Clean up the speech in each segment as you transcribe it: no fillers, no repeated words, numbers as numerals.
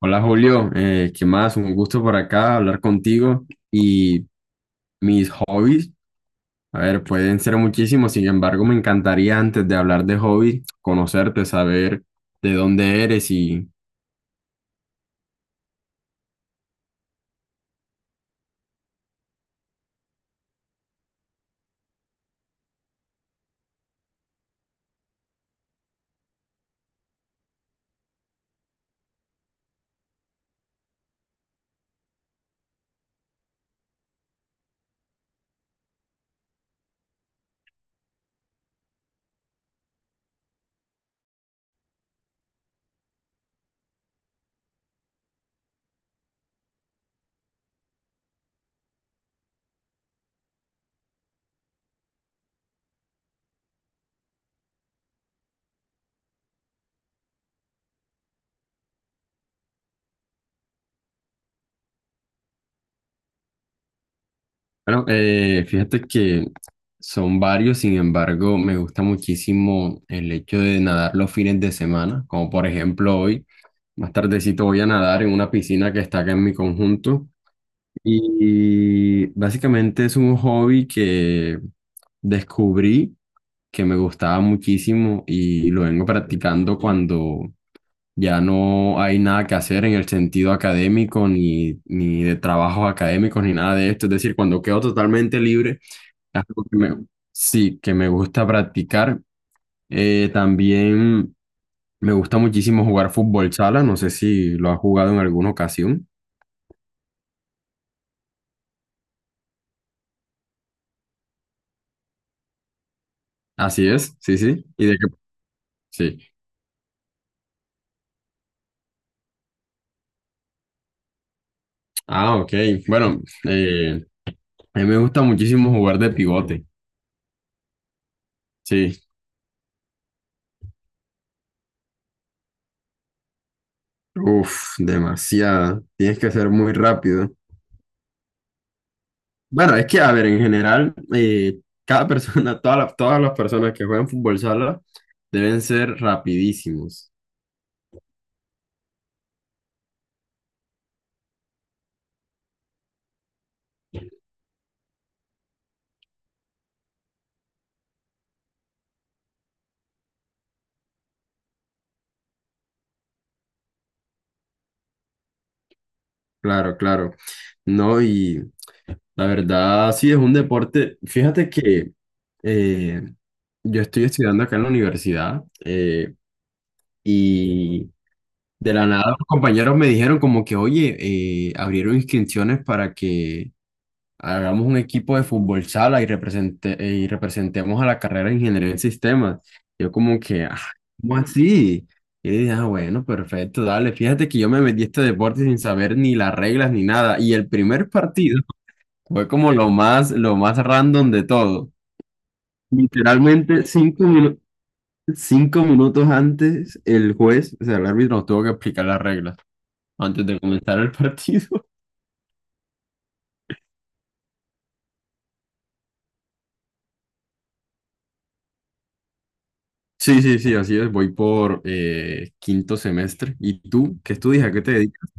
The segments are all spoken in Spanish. Hola Julio, ¿qué más? Un gusto por acá hablar contigo y mis hobbies. A ver, pueden ser muchísimos, sin embargo, me encantaría antes de hablar de hobbies, conocerte, saber de dónde eres y, bueno, fíjate que son varios, sin embargo, me gusta muchísimo el hecho de nadar los fines de semana, como por ejemplo hoy, más tardecito voy a nadar en una piscina que está acá en mi conjunto. Y básicamente es un hobby que descubrí que me gustaba muchísimo y lo vengo practicando cuando ya no hay nada que hacer en el sentido académico ni de trabajos académicos ni nada de esto. Es decir, cuando quedo totalmente libre, es algo que me, sí, que me gusta practicar. También me gusta muchísimo jugar fútbol sala. No sé si lo has jugado en alguna ocasión. Así es, sí, sí. ¿Y de qué? Sí. Ah, ok. Bueno, eh, a mí me gusta muchísimo jugar de pivote. Sí. Uf, demasiado. Tienes que ser muy rápido. Bueno, es que, a ver, en general, cada persona, todas las personas que juegan fútbol sala deben ser rapidísimos. Claro, claro. No, y la verdad, sí, es un deporte. Fíjate que eh, yo estoy estudiando acá en la universidad y... De la nada, los compañeros me dijeron como que, oye, abrieron inscripciones para que hagamos un equipo de fútbol sala y, represente, y representemos a la carrera de ingeniería en sistemas. Yo como que, ah, ¿cómo así? Y dije, ah, bueno, perfecto, dale. Fíjate que yo me metí a este deporte sin saber ni las reglas ni nada. Y el primer partido fue como lo más random de todo. Literalmente 5 minutos antes, el juez, o sea, el árbitro nos tuvo que explicar las reglas antes de comenzar el partido. Sí, sí, sí, así es. Voy por quinto semestre. ¿Y tú? ¿Qué estudias? ¿A qué te dedicas?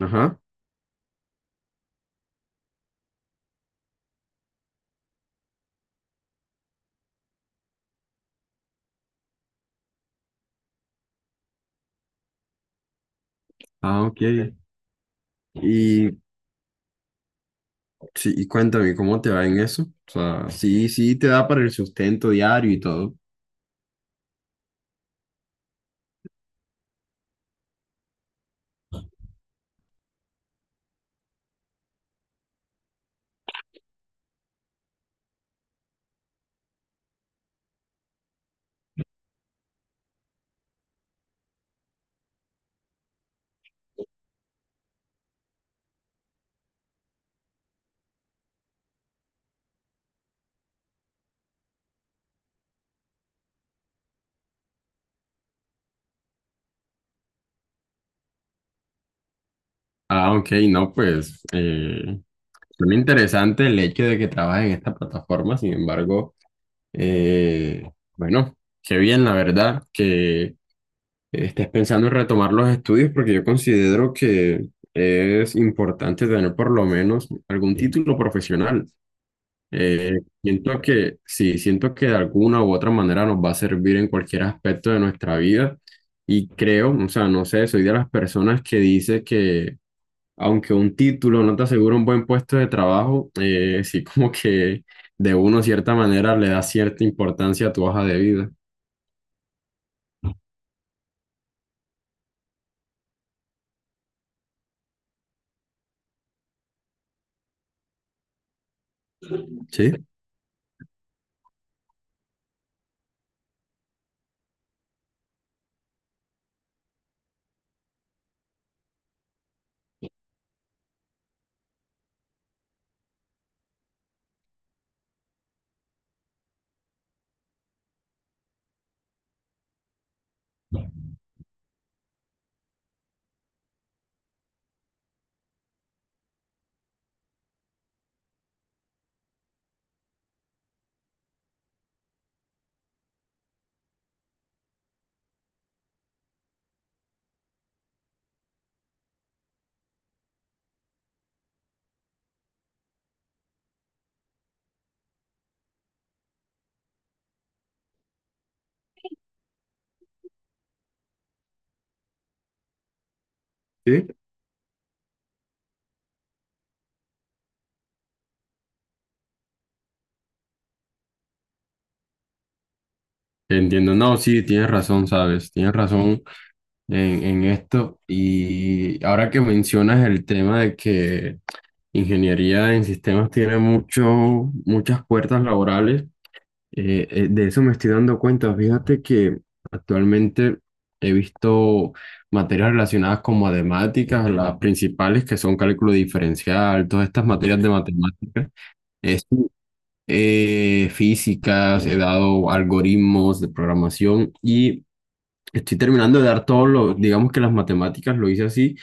Ajá. Ah, ok. Y, sí, y cuéntame, ¿cómo te va en eso? O sea, sí, sí, te da para el sustento diario y todo. Ah, ok, no, pues suena interesante el hecho de que trabajes en esta plataforma. Sin embargo, eh, bueno, qué bien, la verdad, que estás pensando en retomar los estudios porque yo considero que es importante tener por lo menos algún, sí, título profesional. Siento que sí, siento que de alguna u otra manera nos va a servir en cualquier aspecto de nuestra vida y creo, o sea, no sé, soy de las personas que dice que aunque un título no te asegura un buen puesto de trabajo, sí, como que de una cierta manera le da cierta importancia a tu hoja de vida. Sí, sí. Entiendo, no, sí, tienes razón, sabes, tienes razón en esto. Y ahora que mencionas el tema de que ingeniería en sistemas tiene mucho, muchas puertas laborales, de eso me estoy dando cuenta. Fíjate que actualmente he visto materias relacionadas con matemáticas, las principales que son cálculo diferencial, todas estas materias de matemáticas. Es físicas, he dado algoritmos de programación y estoy terminando de dar todo lo, digamos que las matemáticas lo hice así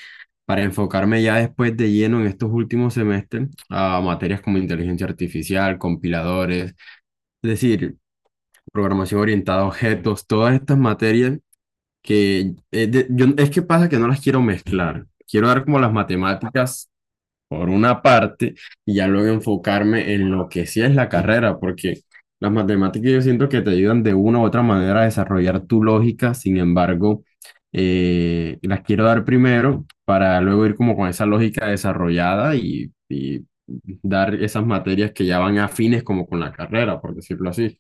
para enfocarme ya después de lleno en estos últimos semestres a materias como inteligencia artificial, compiladores, es decir, programación orientada a objetos, todas estas materias que es que pasa que no las quiero mezclar. Quiero dar como las matemáticas por una parte y ya luego enfocarme en lo que sí es la carrera, porque las matemáticas yo siento que te ayudan de una u otra manera a desarrollar tu lógica, sin embargo, las quiero dar primero para luego ir como con esa lógica desarrollada y dar esas materias que ya van afines como con la carrera, por decirlo así.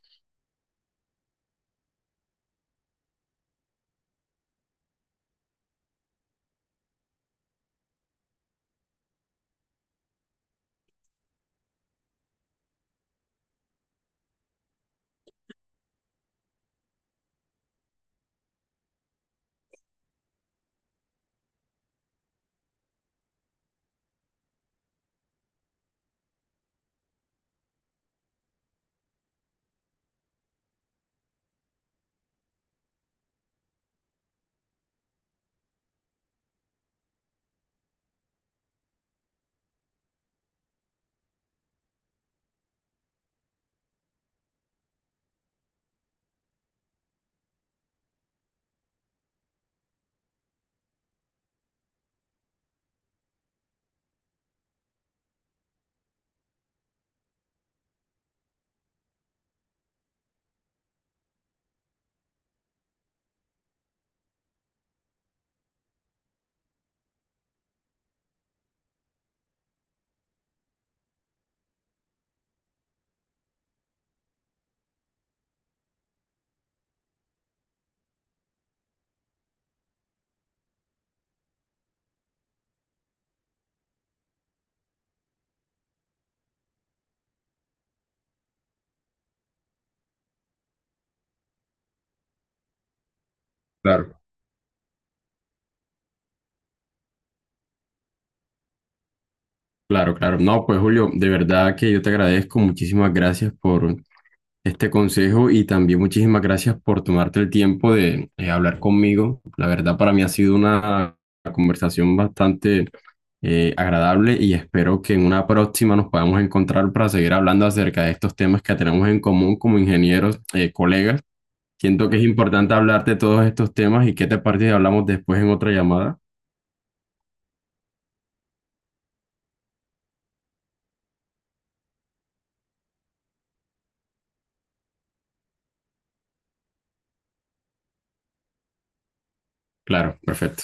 Claro. Claro, claro. No, pues Julio, de verdad que yo te agradezco. Muchísimas gracias por este consejo y también muchísimas gracias por tomarte el tiempo de hablar conmigo. La verdad para mí ha sido una conversación bastante agradable y espero que en una próxima nos podamos encontrar para seguir hablando acerca de estos temas que tenemos en común como ingenieros, colegas. Siento que es importante hablar de todos estos temas y qué te parece si hablamos después en otra llamada. Claro, perfecto.